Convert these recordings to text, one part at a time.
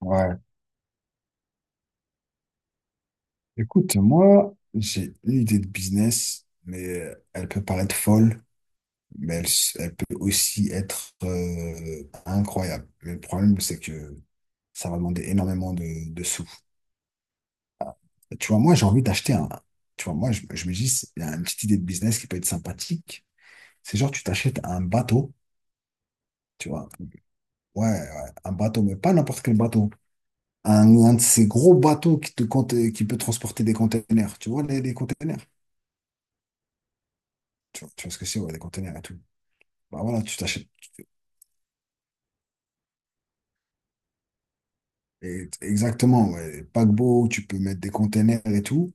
Ouais. Écoute, moi, j'ai une idée de business, mais elle peut paraître folle, mais elle peut aussi être incroyable. Mais le problème, c'est que ça va demander énormément de sous. Tu vois, moi, j'ai envie d'acheter un. Tu vois, moi, je me dis, il y a une petite idée de business qui peut être sympathique. C'est genre, tu t'achètes un bateau, tu vois. Ouais, ouais, un bateau, mais pas n'importe quel bateau. Un de ces gros bateaux qui peut transporter des containers. Tu vois, les containers. Tu vois ce que c'est, ouais, les containers et tout. Bah voilà, tu t'achètes. Exactement, ouais. Paquebot, tu peux mettre des containers et tout.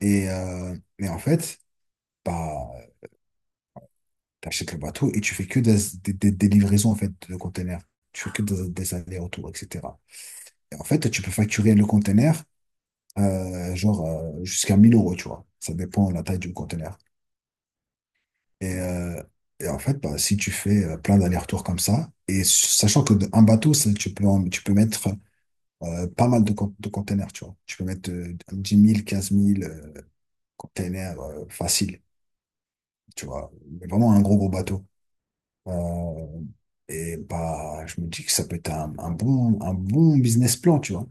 Et en fait, bah, t'achètes le bateau et tu fais que des livraisons en fait, de containers. Tu fais que des allers-retours, etc. Et en fait, tu peux facturer le container genre jusqu'à 1000 euros, tu vois. Ça dépend de la taille du container. Et, euh, et en fait, bah, si tu fais plein d'allers-retours comme ça, et sachant que un bateau, ça, tu peux mettre pas mal de containers, tu vois. Tu peux mettre 10 000, 15 000 containers faciles, tu vois. Mais vraiment un gros, gros bateau. Euh, et bah, je me dis que ça peut être un bon, un bon business plan, tu vois.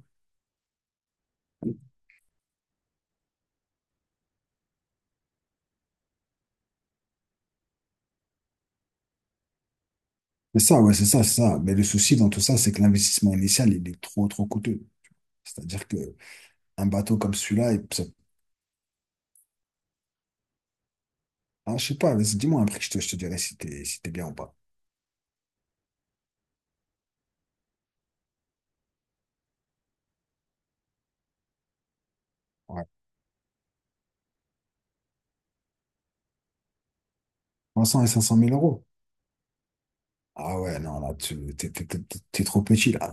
C'est ça, ouais, c'est ça, c'est ça. Mais le souci dans tout ça, c'est que l'investissement initial, il est trop, trop coûteux. C'est-à-dire que un bateau comme celui-là, ah, je sais pas, vas-y, dis-moi un prix, je te dirai si t'es bien ou pas. Ouais. 300 et 500 mille euros. Ah ouais, non, là, tu, t'es, t'es- t'es- t'es trop petit, là.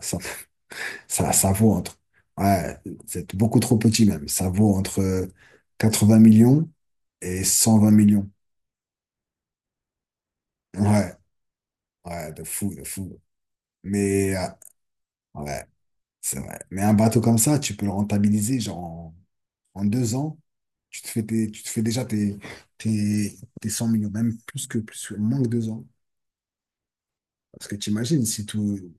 Ça vaut ouais, c'est beaucoup trop petit même. Ça vaut entre 80 millions et 120 millions. Ouais, ouais, de fou, de fou. Mais, ouais, c'est vrai. Mais un bateau comme ça, tu peux le rentabiliser, genre, en 2 ans, tu te fais déjà tes 100 millions, même moins que 2 ans. Parce que tu imagines si tout,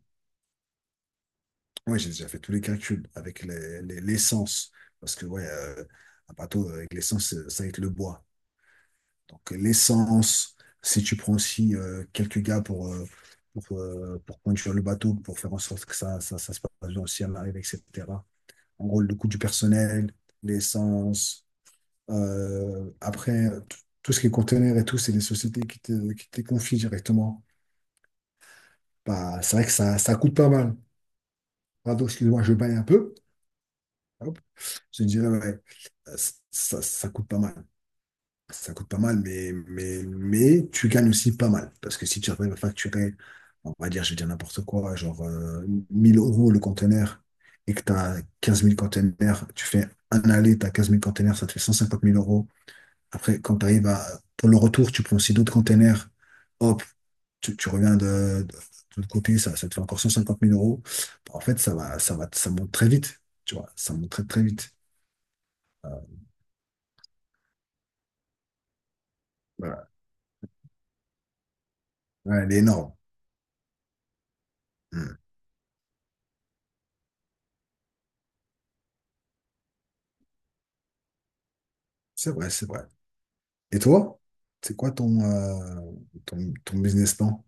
ouais, j'ai déjà fait tous les calculs avec l'essence. Parce que, ouais, un bateau avec l'essence, ça va être le bois. Donc l'essence, si tu prends aussi quelques gars pour conduire le bateau, pour faire en sorte que ça se passe bien aussi à l'arrivée, etc. En gros, le coût du personnel, l'essence. Après, tout ce qui est conteneur et tout, c'est des sociétés qui te les confient directement. Bah, c'est vrai que ça coûte pas mal. Pardon, excuse-moi, je baille un peu. Hop, je dirais, ouais, euh, ça coûte pas mal. Ça coûte pas mal, mais tu gagnes aussi pas mal. Parce que si tu arrives à facturer, on va dire, je vais dire n'importe quoi, genre 1000 euros le conteneur et que tu as 15 000 conteneurs, tu fais un aller, tu as 15 000 conteneurs, ça te fait 150 000 euros. Après, quand tu arrives à, pour le retour, tu prends aussi d'autres conteneurs, hop, tu reviens de l'autre côté, ça te fait encore 150 000 euros. Bon, en fait, ça monte très vite, tu vois, ça monte très, très vite. Euh, voilà, ouais, elle est énorme. Hmm. C'est vrai, c'est vrai. Et toi, c'est quoi ton, ton business plan?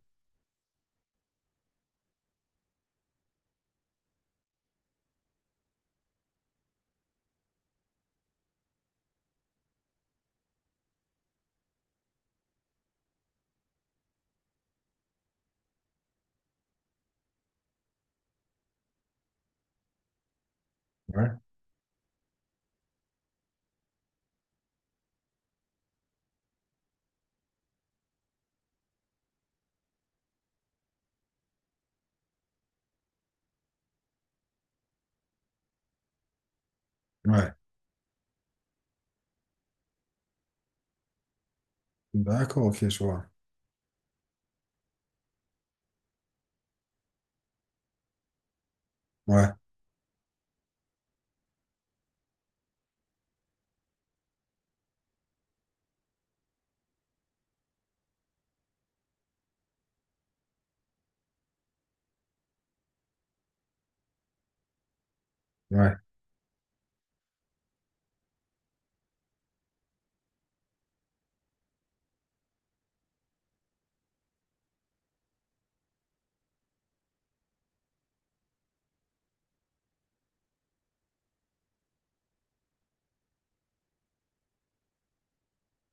Ouais. Ouais. D'accord, ok, je vois. Ouais, ouais,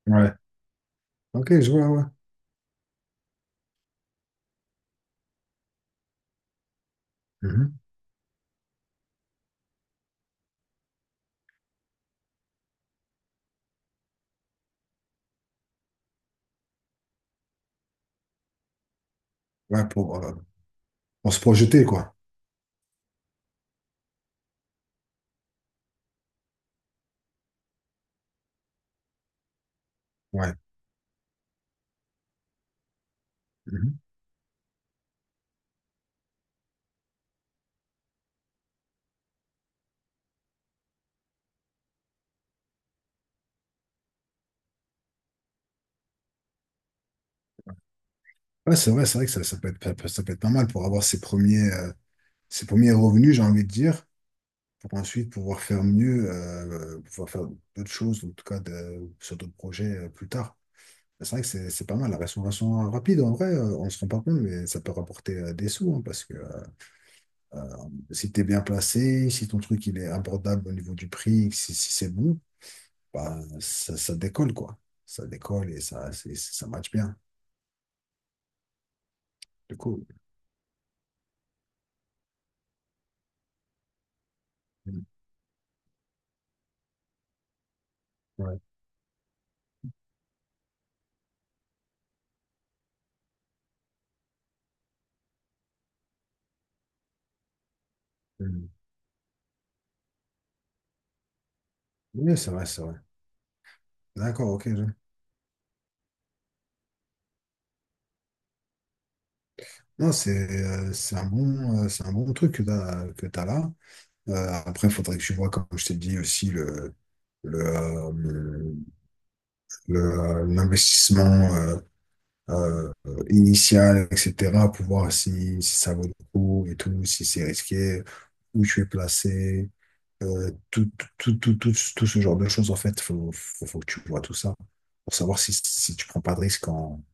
ouais. Ok, je vois, ouais. Mhm. Ouais, pour se projeter, quoi. Ouais. Mhm. Ouais, c'est vrai que ça peut être, ça peut être pas mal pour avoir ses premiers revenus, j'ai envie de dire, pour ensuite pouvoir faire mieux, pouvoir faire d'autres choses, en tout cas sur d'autres projets plus tard. C'est vrai que c'est pas mal, la restauration rapide, en vrai, on se rend pas compte, mais ça peut rapporter des sous, hein, parce que Euh, si tu es bien placé, si ton truc il est abordable au niveau du prix, si c'est bon, bah, ça décolle, quoi. Ça décolle et ça, ça match bien. Du coup, mm, ouais. Mm. Oui, c'est vrai, c'est vrai. D'accord, ok. Non, c'est un bon, c'est un bon truc que t'as là. Euh, après, il faudrait que tu vois, comme je t'ai dit aussi, le, euh, l'investissement. euh, euh, Initiale, etc., pour voir si ça vaut le coup et tout, si c'est risqué, où tu es placé, euh, tout, tout ce genre de choses, en fait, faut que tu vois tout ça pour savoir si tu prends pas de risque en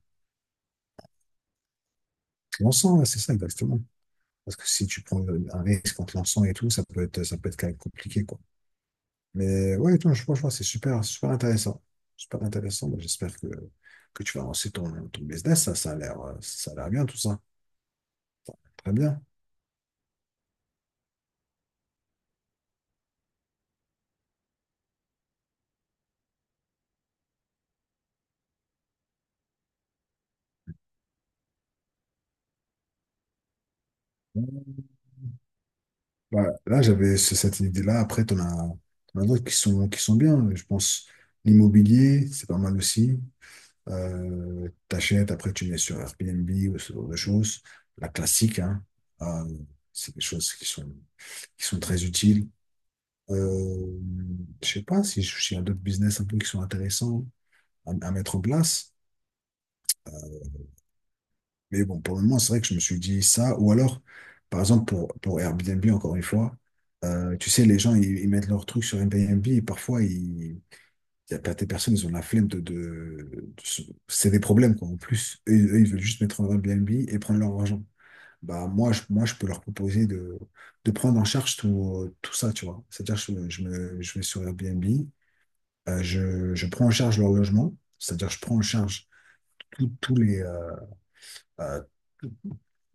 te lançant, ouais, c'est ça exactement. Parce que si tu prends un risque en te lançant et tout, ça peut être quand même compliqué, quoi. Mais ouais, non, je franchement, c'est super, super intéressant. Super intéressant. Moi, j'espère que tu vas lancer ton business. Ça a l'air, ça a l'air bien, tout ça. Très bien. Bah, là, j'avais cette idée-là. Après, t'en as d'autres qui sont bien. Je pense l'immobilier, c'est pas mal aussi. T'achètes, après tu mets sur Airbnb ou ce genre de choses. La classique, hein. Euh, c'est des choses qui sont très utiles. Euh, je sais pas si s'il y a d'autres business un peu qui sont intéressants à mettre en place. Mais bon, pour le moment, c'est vrai que je me suis dit ça. Ou alors, par exemple, pour Airbnb, encore une fois, tu sais, les gens, ils mettent leurs trucs sur Airbnb et parfois, ils y a pas des personnes, ils ont la flemme de... de se- c'est des problèmes, quoi. En plus, eux, ils veulent juste mettre en Airbnb et prendre leur argent. Bah, moi, je peux leur proposer de prendre en charge tout, tout ça, tu vois. C'est-à-dire, je vais sur Airbnb, je prends en charge leur logement, c'est-à-dire, je prends en charge tous les... euh,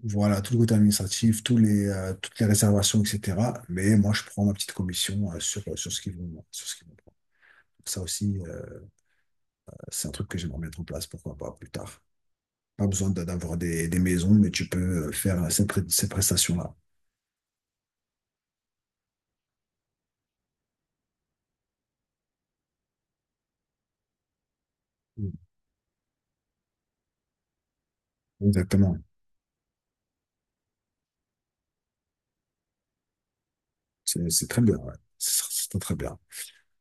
voilà, tout le côté administratif, tous les, toutes les réservations, etc. Mais moi, je prends ma petite commission sur ce qu'ils vont prendre. Donc ça aussi, c'est un truc que j'aimerais mettre en place, pourquoi pas plus tard. Pas besoin d'avoir des maisons, mais tu peux faire ces prestations-là. Mm. Exactement. C'est très bien, ouais. C'est très très bien.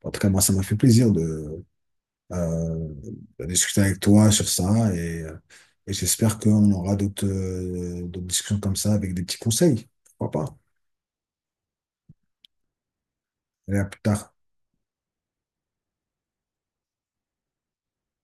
En tout cas, moi, ça m'a fait plaisir euh, à discuter avec toi sur ça et j'espère qu'on aura d'autres discussions comme ça avec des petits conseils. Pourquoi pas? Allez, à plus tard.